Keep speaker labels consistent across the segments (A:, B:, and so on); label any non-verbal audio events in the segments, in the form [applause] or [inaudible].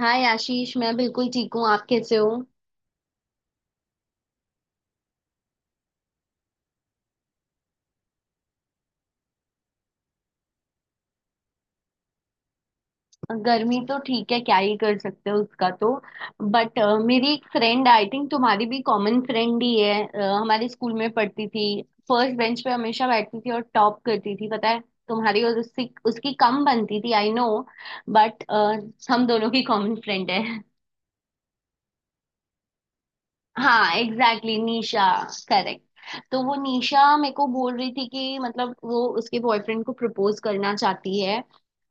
A: हाय आशीष, मैं बिल्कुल ठीक हूँ। आप कैसे हो? गर्मी तो ठीक है, क्या ही कर सकते हो उसका। तो बट मेरी एक फ्रेंड, आई थिंक तुम्हारी भी कॉमन फ्रेंड ही है, हमारे स्कूल में पढ़ती थी। फर्स्ट बेंच पे हमेशा बैठती थी और टॉप करती थी, पता है। तुम्हारी और उसकी उसकी कम बनती थी, आई नो। बट हम दोनों की कॉमन फ्रेंड है। हाँ एग्जैक्टली, exactly, निशा। करेक्ट। तो वो निशा मेरे को बोल रही थी कि मतलब वो उसके बॉयफ्रेंड को प्रपोज करना चाहती है।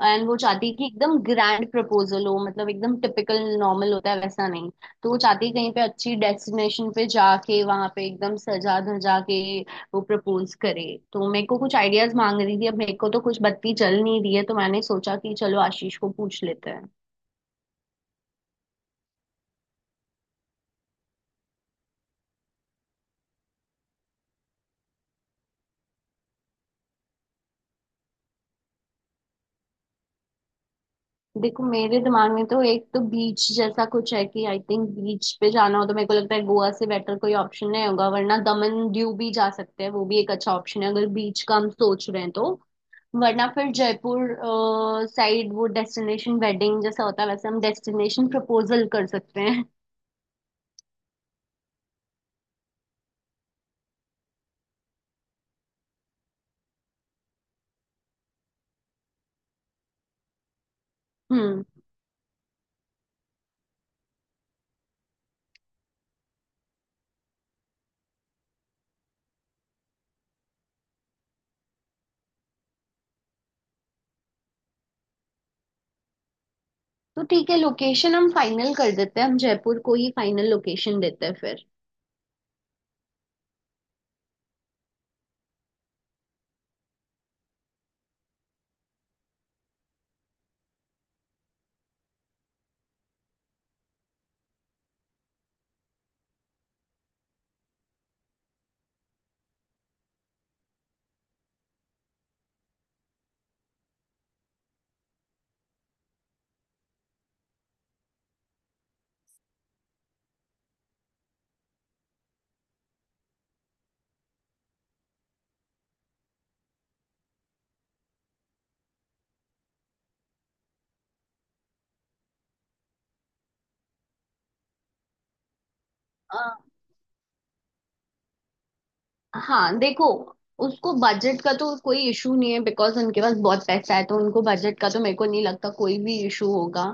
A: एंड वो चाहती है कि एकदम ग्रैंड प्रपोजल हो, मतलब एकदम टिपिकल नॉर्मल होता है वैसा नहीं। तो वो चाहती है कहीं पे अच्छी डेस्टिनेशन पे जाके वहां पे एकदम सजा धजा के वो प्रपोज करे। तो मेरे को कुछ आइडियाज मांग रही थी, अब मेरे को तो कुछ बत्ती जल नहीं रही है, तो मैंने सोचा कि चलो आशीष को पूछ लेते हैं। देखो मेरे दिमाग में तो एक तो बीच जैसा कुछ है कि आई थिंक बीच पे जाना हो तो मेरे को लगता है गोवा से बेटर कोई ऑप्शन नहीं होगा, वरना दमन दीव भी जा सकते हैं, वो भी एक अच्छा ऑप्शन है अगर बीच का हम सोच रहे हैं तो। वरना फिर जयपुर साइड, वो डेस्टिनेशन वेडिंग जैसा होता है, वैसे हम डेस्टिनेशन प्रपोजल कर सकते हैं। हम्म। तो ठीक है, लोकेशन हम फाइनल कर देते हैं, हम जयपुर को ही फाइनल लोकेशन देते हैं। फिर हाँ, देखो, उसको बजट का तो कोई इशू नहीं है बिकॉज उनके पास बहुत पैसा है, तो उनको बजट का तो मेरे को नहीं लगता कोई भी इशू होगा।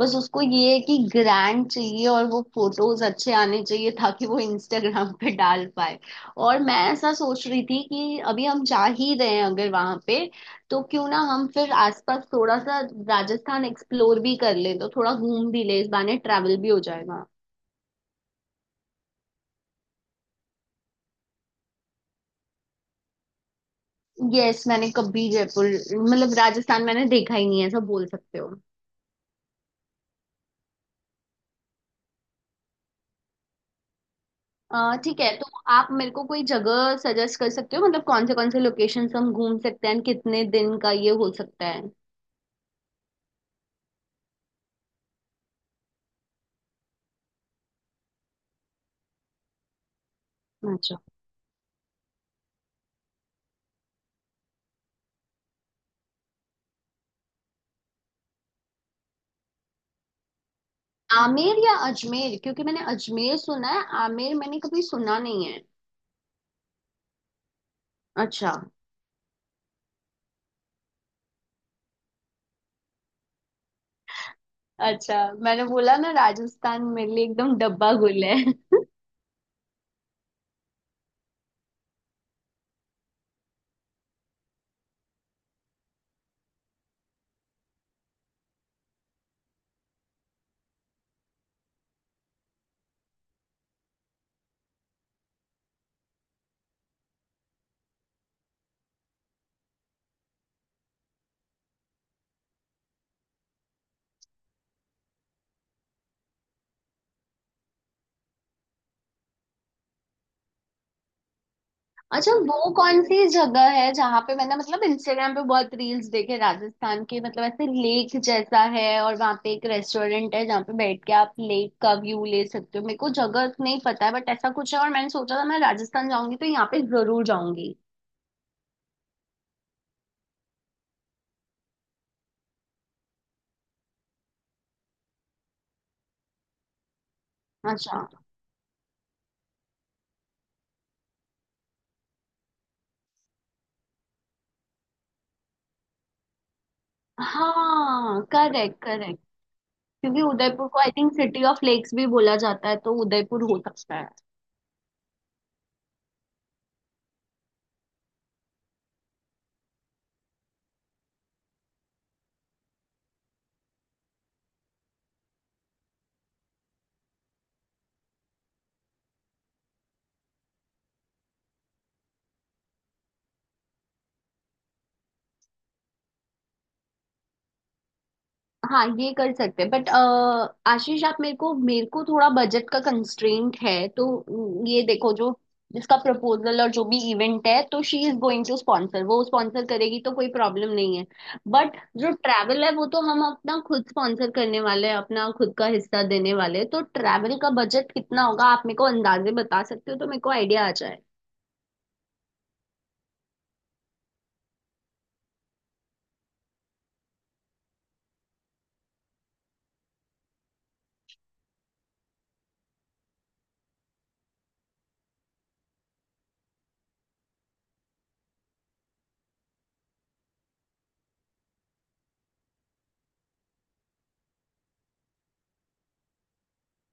A: बस उसको ये है कि ग्रैंड चाहिए और वो फोटोज अच्छे आने चाहिए ताकि वो इंस्टाग्राम पे डाल पाए। और मैं ऐसा सोच रही थी कि अभी हम जा ही रहे हैं अगर वहां पे, तो क्यों ना हम फिर आसपास थोड़ा सा राजस्थान एक्सप्लोर भी कर लें, तो थोड़ा घूम भी ले, इस बहाने ट्रैवल भी हो जाएगा। यस, मैंने कभी जयपुर, मतलब राजस्थान मैंने देखा ही नहीं है, ऐसा बोल सकते हो। ठीक है, तो आप मेरे को कोई जगह सजेस्ट कर सकते हो, मतलब कौन से लोकेशंस हम घूम सकते हैं and कितने दिन का ये हो सकता है। अच्छा, आमेर या अजमेर? क्योंकि मैंने अजमेर सुना है, आमेर मैंने कभी सुना नहीं है। अच्छा। अच्छा, मैंने बोला ना राजस्थान मेरे लिए एकदम डब्बा गुल है। अच्छा वो कौन सी जगह है जहाँ पे मैंने, मतलब इंस्टाग्राम पे बहुत रील्स देखे राजस्थान के, मतलब ऐसे लेक जैसा है और वहाँ पे एक रेस्टोरेंट है जहाँ पे बैठ के आप लेक का व्यू ले सकते हो। मेरे को जगह नहीं पता है बट ऐसा कुछ है, और मैंने सोचा था मैं राजस्थान जाऊंगी तो यहाँ पे जरूर जाऊंगी। अच्छा। हाँ करेक्ट, करेक्ट, क्योंकि उदयपुर को I think city of lakes भी बोला जाता है, तो उदयपुर हो सकता है। हाँ ये कर सकते हैं, बट आशीष आप मेरे को, थोड़ा बजट का कंस्ट्रेंट है तो ये देखो, जो जिसका प्रपोजल और जो भी इवेंट है तो she is going to sponsor, वो स्पॉन्सर करेगी, तो कोई प्रॉब्लम नहीं है। बट जो ट्रैवल है वो तो हम अपना खुद स्पॉन्सर करने वाले हैं, अपना खुद का हिस्सा देने वाले हैं, तो ट्रैवल का बजट कितना होगा आप मेरे को अंदाजे बता सकते हो तो मेरे को आइडिया आ जाए।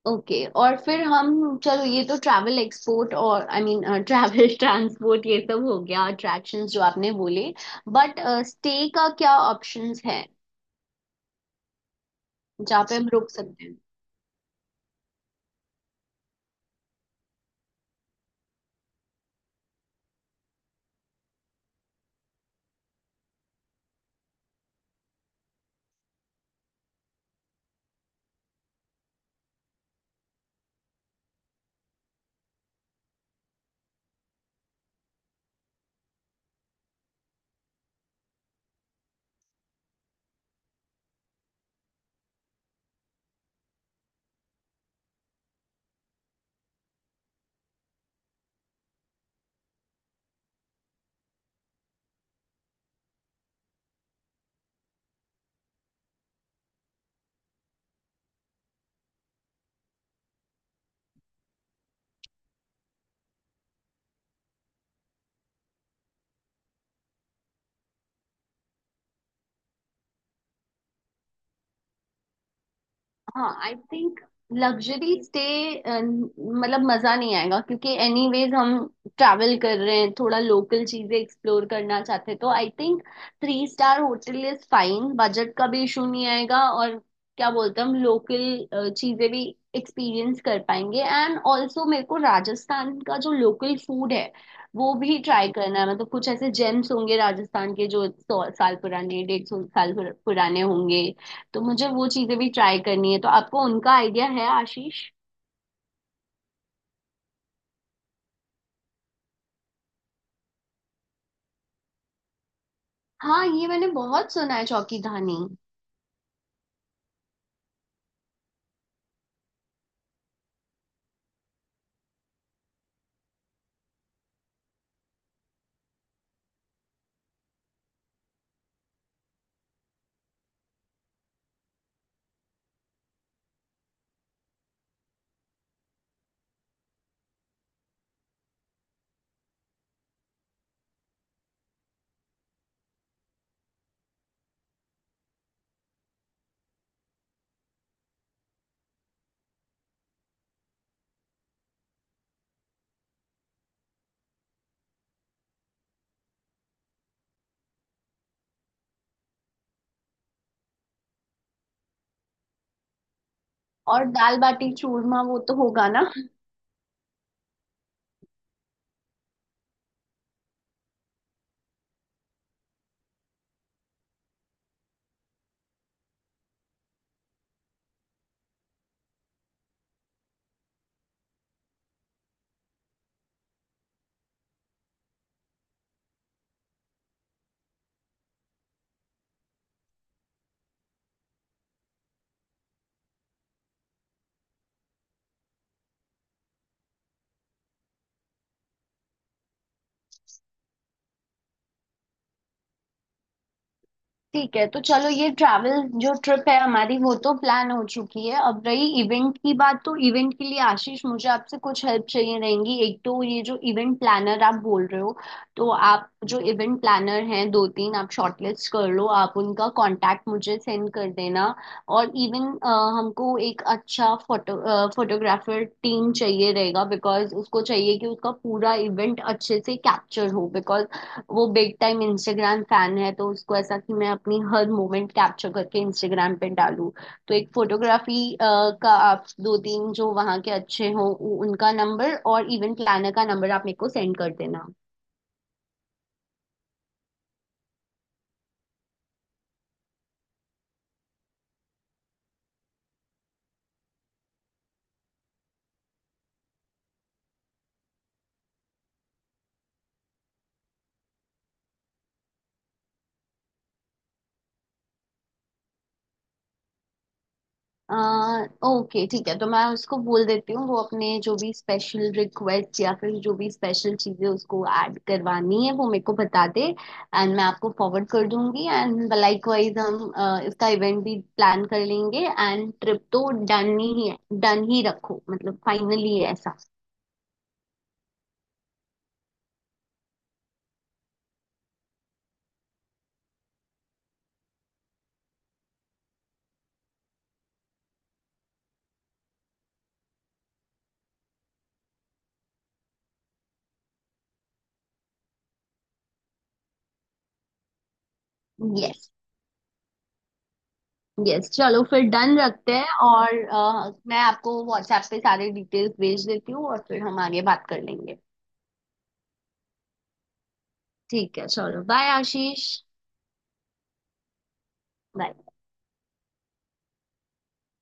A: ओके और फिर हम, चलो ये तो ट्रैवल एक्सपोर्ट और आई मीन ट्रैवल ट्रांसपोर्ट [laughs] ये सब हो गया, अट्रैक्शंस जो आपने बोले। बट स्टे का क्या ऑप्शंस है, जहाँ पे हम रुक सकते हैं? हाँ आई थिंक लग्जरी स्टे मतलब मजा नहीं आएगा, क्योंकि एनीवेज हम ट्रैवल कर रहे हैं, थोड़ा लोकल चीजें एक्सप्लोर करना चाहते हैं, तो I think three star hotel is fine, budget का भी इशू नहीं आएगा और क्या बोलते हैं, हम लोकल चीजें भी एक्सपीरियंस कर पाएंगे। एंड ऑल्सो मेरे को राजस्थान का जो लोकल फूड है वो भी ट्राई करना है, मतलब कुछ ऐसे जेम्स होंगे राजस्थान के जो 100 साल पुराने, 150 साल पुराने होंगे। तो मुझे वो चीजें भी ट्राई करनी है, तो आपको उनका आइडिया है आशीष? हाँ ये मैंने बहुत सुना है चौकी धानी। और दाल बाटी चूरमा वो तो होगा ना? ठीक है, तो चलो ये ट्रैवल जो ट्रिप है हमारी वो तो प्लान हो चुकी है, अब रही इवेंट की बात, तो इवेंट के लिए आशीष मुझे आपसे कुछ हेल्प चाहिए रहेंगी। एक तो ये जो इवेंट प्लानर आप बोल रहे हो, तो आप जो इवेंट प्लानर हैं, 2 3 आप शॉर्टलिस्ट कर लो, आप उनका कांटेक्ट मुझे सेंड कर देना। और इवन हमको एक अच्छा फोटोग्राफर टीम चाहिए रहेगा, बिकॉज उसको चाहिए कि उसका पूरा इवेंट अच्छे से कैप्चर हो, बिकॉज वो बिग टाइम इंस्टाग्राम फैन है, तो उसको ऐसा कि मैं अपनी हर मोमेंट कैप्चर करके इंस्टाग्राम पे डालूं। तो एक फोटोग्राफी का आप दो तीन जो वहाँ के अच्छे हों उनका नंबर और इवेंट प्लानर का नंबर आप मेरे को सेंड कर देना। आ, ओके ठीक है, तो मैं उसको बोल देती हूँ वो अपने जो भी स्पेशल रिक्वेस्ट या फिर जो भी स्पेशल चीजें उसको ऐड करवानी है वो मेरे को बता दे, एंड मैं आपको फॉरवर्ड कर दूंगी, एंड लाइकवाइज हम इसका इवेंट भी प्लान कर लेंगे। एंड ट्रिप तो डन ही है, डन ही रखो, मतलब फाइनली है ऐसा। यस। यस चलो फिर डन रखते हैं, और मैं आपको व्हाट्सएप पे सारे डिटेल्स भेज देती हूँ और फिर हम आगे बात कर लेंगे। ठीक है, चलो बाय आशीष। Bye.